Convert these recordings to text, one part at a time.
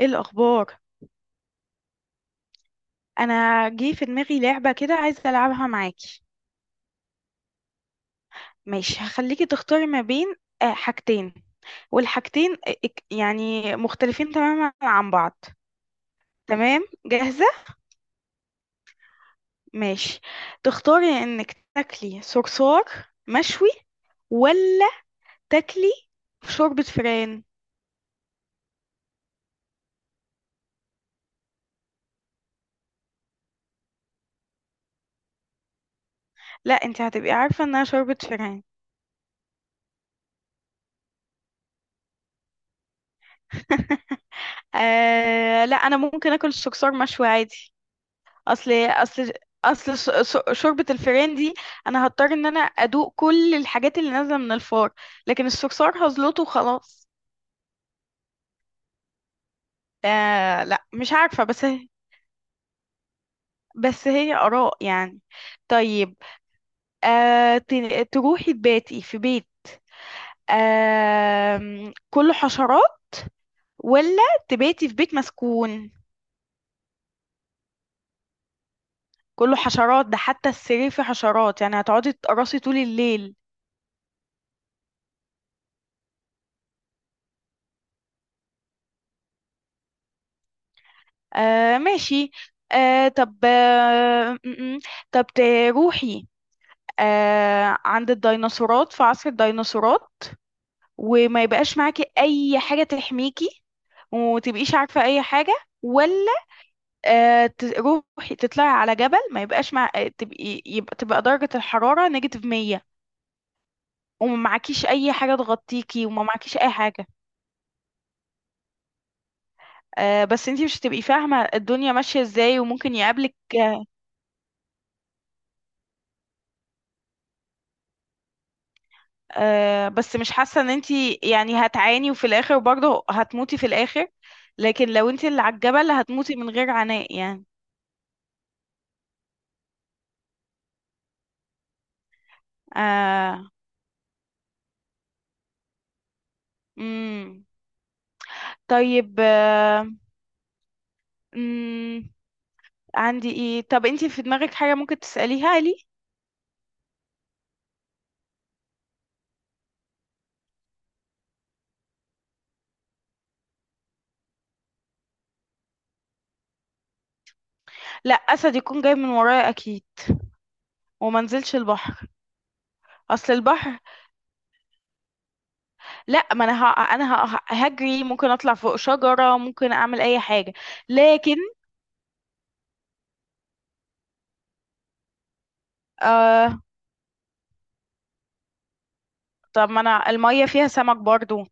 ايه الاخبار؟ انا جه في دماغي لعبه كده، عايزه العبها معاكي. ماشي، هخليكي تختاري ما بين حاجتين. والحاجتين يعني مختلفين تماما عن بعض. تمام، جاهزه؟ ماشي. تختاري انك تاكلي صرصار مشوي، ولا تاكلي شوربه فران؟ لا، انت هتبقي عارفه انها شوربه فران. لا، انا ممكن اكل الصرصار مشوي عادي. اصل اصل شوربة الفئران دي انا هضطر ان انا ادوق كل الحاجات اللي نازلة من الفار، لكن الصرصار هزلته وخلاص. لا، مش عارفة، بس هي، بس هي آراء يعني. طيب، تروحي تباتي في بيت كله حشرات، ولا تباتي في بيت مسكون كله حشرات؟ ده حتى السرير فيه حشرات، يعني هتقعدي تقرصي طول الليل. ماشي. آه طب آه م- م. طب تروحي عند الديناصورات، في عصر الديناصورات، وما يبقاش معاكي أي حاجة تحميكي، ومتبقيش عارفة أي حاجة، ولا تروحي تطلعي على جبل ما يبقاش مع تبقي تبقى درجة الحرارة نيجاتيف 100، وما معكيش أي حاجة تغطيكي، وما معكيش أي حاجة؟ بس انتي مش هتبقي فاهمة الدنيا ماشية ازاي، وممكن يقابلك بس مش حاسة ان انتي يعني هتعاني، وفي الاخر برضه هتموتي في الاخر. لكن لو انتي اللي على الجبل هتموتي من غير عناء يعني. آه. مم. طيب. آه. مم. عندي ايه؟ طب انتي في دماغك حاجة ممكن تسأليها لي؟ لا، اسد يكون جاي من ورايا اكيد، وما نزلش البحر. اصل البحر، لا، ما انا هجري، ممكن اطلع فوق شجرة، ممكن اعمل اي حاجة. لكن، آه. طب ما انا المية فيها سمك برضه.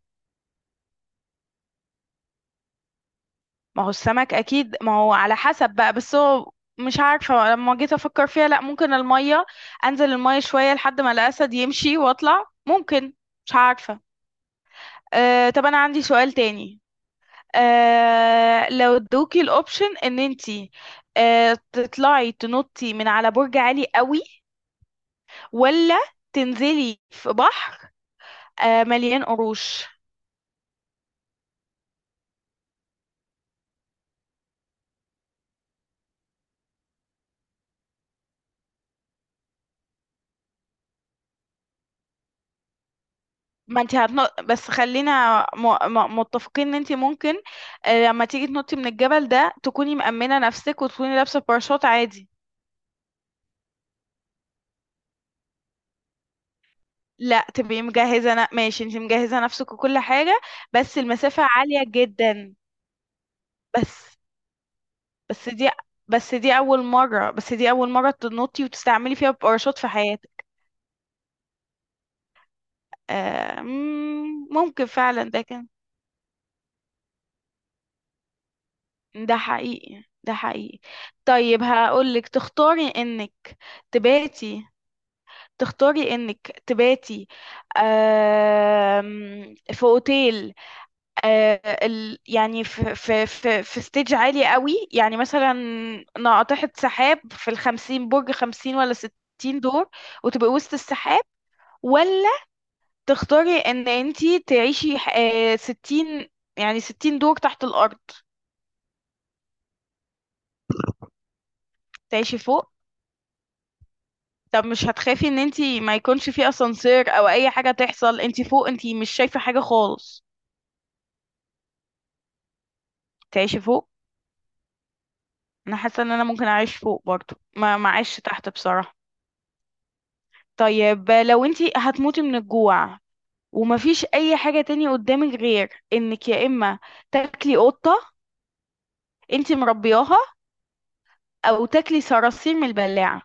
ما هو السمك اكيد، ما هو على حسب بقى، بس هو مش عارفه، لما جيت افكر فيها، لا ممكن الميه، انزل الميه شويه لحد ما الاسد يمشي واطلع، ممكن. مش عارفه. أه، طب انا عندي سؤال تاني. أه، لو ادوكي الاوبشن ان انتي أه تطلعي تنطي من على برج عالي قوي، ولا تنزلي في بحر أه مليان قروش؟ ما انت هتنط، بس خلينا متفقين ان انت ممكن لما تيجي تنطي من الجبل ده تكوني مأمنة نفسك، وتكوني لابسة باراشوت عادي. لا، تبقي ماشي، انت مجهزة نفسك وكل حاجة. بس المسافة عالية جدا. بس بس دي بس دي أول مرة تنطي وتستعملي فيها باراشوت في حياتك. ممكن فعلا ده كان، ده حقيقي، ده حقيقي. طيب، هقولك تختاري انك تباتي، تختاري انك تباتي في اوتيل، آه، يعني في ستيج عالي قوي يعني، مثلا ناقطة سحاب في الخمسين، برج خمسين ولا ستين دور، وتبقي وسط السحاب، ولا تختاري ان انتي تعيشي ستين، يعني ستين دور تحت الارض؟ تعيشي فوق؟ طب مش هتخافي ان انتي ما يكونش في اسانسير او اي حاجة تحصل، انتي فوق انتي مش شايفة حاجة خالص؟ تعيشي فوق. انا حاسه ان انا ممكن اعيش فوق برضو، ما اعيش تحت بصراحه. طيب، لو انتي هتموتي من الجوع، ومفيش اي حاجه تانية قدامك، غير انك يا اما تاكلي قطه انتي مربياها، او تاكلي صراصير من البلاعه.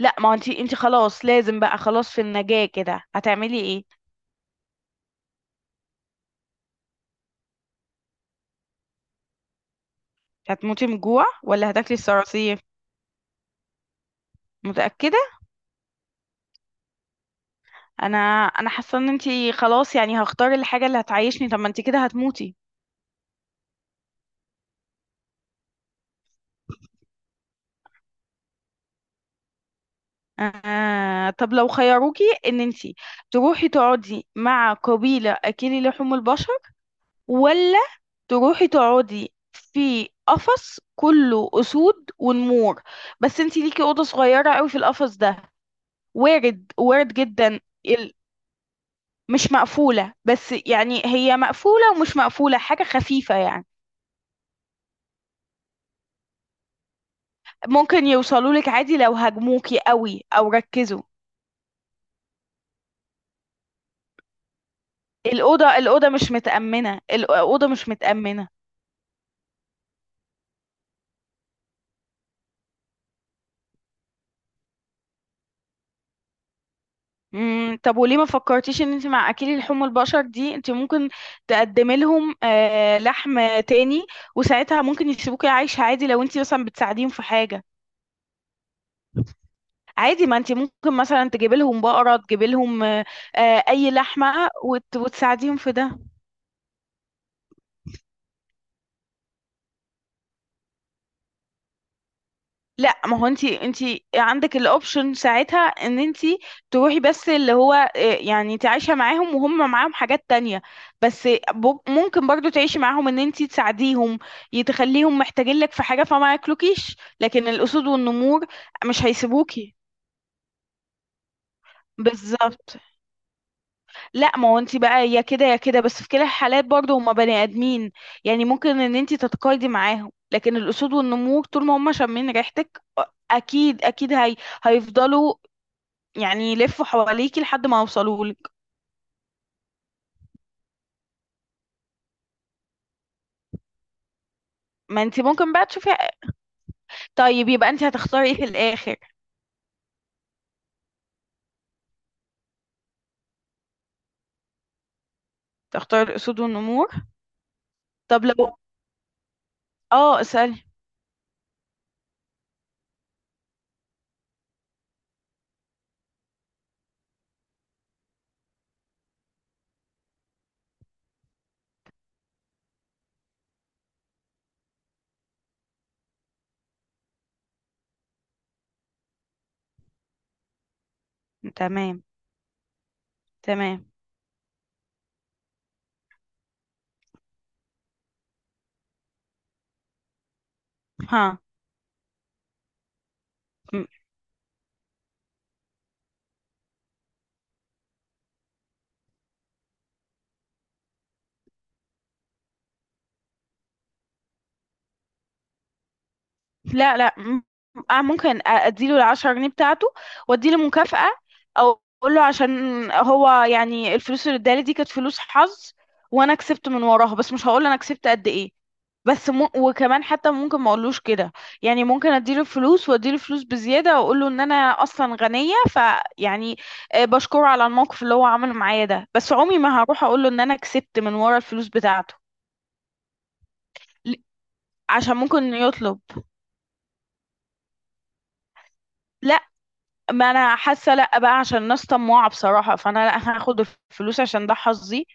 لا، ما هو انتي خلاص لازم بقى، خلاص في النجاه كده هتعملي ايه؟ هتموتي من الجوع ولا هتاكلي الصراصير؟ متأكدة؟ انا انا حاسة ان انتي خلاص يعني هختار الحاجة اللي هتعيشني، طب ما انتي كده هتموتي. آه، طب لو خيروكي ان انتي تروحي تقعدي مع قبيلة اكلي لحوم البشر، ولا تروحي تقعدي في قفص كله اسود ونمور، بس انتي ليكي اوضة صغيرة قوي في القفص ده؟ وارد، وارد جدا. ال- مش مقفولة، بس يعني هي مقفولة ومش مقفولة، حاجة خفيفة يعني. ممكن يوصلوا لك عادي لو هاجموكي قوي او ركزوا. الأوضة، الأوضة مش متأمنة، الأوضة مش متأمنة. مم، طب وليه ما فكرتيش ان انت مع اكل لحوم البشر دي انت ممكن تقدمي لهم لحم تاني، وساعتها ممكن يسيبوكي عايشة عادي، لو انت مثلا بتساعديهم في حاجة. عادي، ما انت ممكن مثلا تجيبي لهم بقرة، تجيبي لهم اي لحمة، وتساعديهم في ده. لا، ما هو انت، انت عندك الاوبشن ساعتها ان انت تروحي، بس اللي هو يعني انت عايشه معاهم، وهم معاهم حاجات تانية بس. ممكن برضو تعيشي معاهم ان انت تساعديهم، يتخليهم محتاجين لك في حاجه فما ياكلوكيش. لكن الاسود والنمور مش هيسيبوكي، بالظبط. لا، ما هو انت بقى يا كده يا كده، بس في كلا الحالات برضو هما بني ادمين، يعني ممكن ان انت تتقايضي معاهم. لكن الاسود والنمور طول ما هما شامين ريحتك اكيد اكيد، هي هيفضلوا يعني يلفوا حواليكي لحد ما يوصلولك. ما انت ممكن بقى تشوفي. طيب يبقى انت هتختاري ايه في الاخر؟ تختاري الاسود والنمور. طب لو، اه اسألي. تمام. تمام. ها. لا لا م- آه ممكن اديله العشرة جنيه بتاعته واديله مكافأة، او اقول له عشان هو يعني الفلوس اللي ادالي دي كانت فلوس حظ، وانا كسبت من وراها، بس مش هقول انا كسبت قد ايه. بس وكمان حتى ممكن ما اقولوش كده، يعني ممكن اديله فلوس، واديله فلوس بزيادة، واقول له ان انا اصلا غنية فيعني، بشكره على الموقف اللي هو عمله معايا ده، بس عمري ما هروح اقول له ان انا كسبت من ورا الفلوس بتاعته. ل- عشان ممكن يطلب. لا، ما انا حاسه، لا بقى، عشان الناس طماعه بصراحه، فانا لا هاخد الفلوس عشان ده حظي.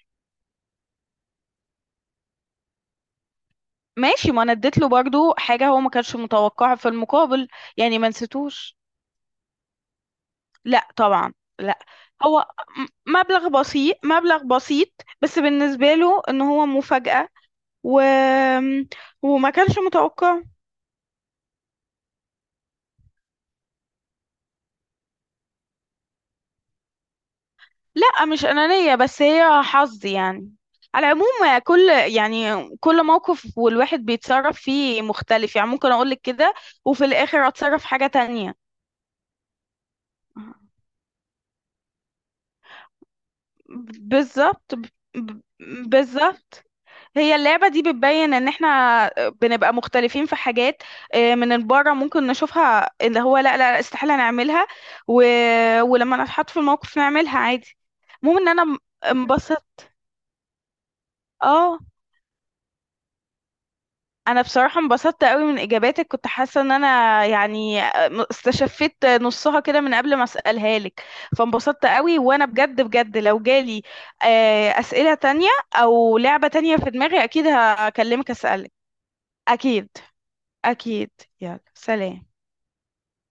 ماشي، ما انا اديت له برضو حاجه هو ما كانش متوقعها في المقابل، يعني ما نسيتوش. لا طبعا. لا، هو مبلغ بسيط، مبلغ بسيط، بس بالنسبه له ان هو مفاجاه و... وما كانش متوقع. لا، مش أنانية، بس هي حظ يعني. على العموم كل، يعني كل موقف والواحد بيتصرف فيه مختلف يعني. ممكن أقولك كده وفي الآخر أتصرف حاجة تانية. بالظبط، ب- بالظبط. هي اللعبة دي بتبين ان احنا بنبقى مختلفين في حاجات من بره ممكن نشوفها اللي هو لا لا استحالة نعملها، و... ولما نتحط في الموقف نعملها عادي. المهم ان انا انبسط. اه، انا بصراحه انبسطت قوي من اجاباتك، كنت حاسه ان انا يعني استشفيت نصها كده من قبل ما اسالها لك. فانبسطت قوي، وانا بجد بجد لو جالي اسئله تانية او لعبه تانية في دماغي اكيد هكلمك اسالك. اكيد، اكيد. يلا، سلام.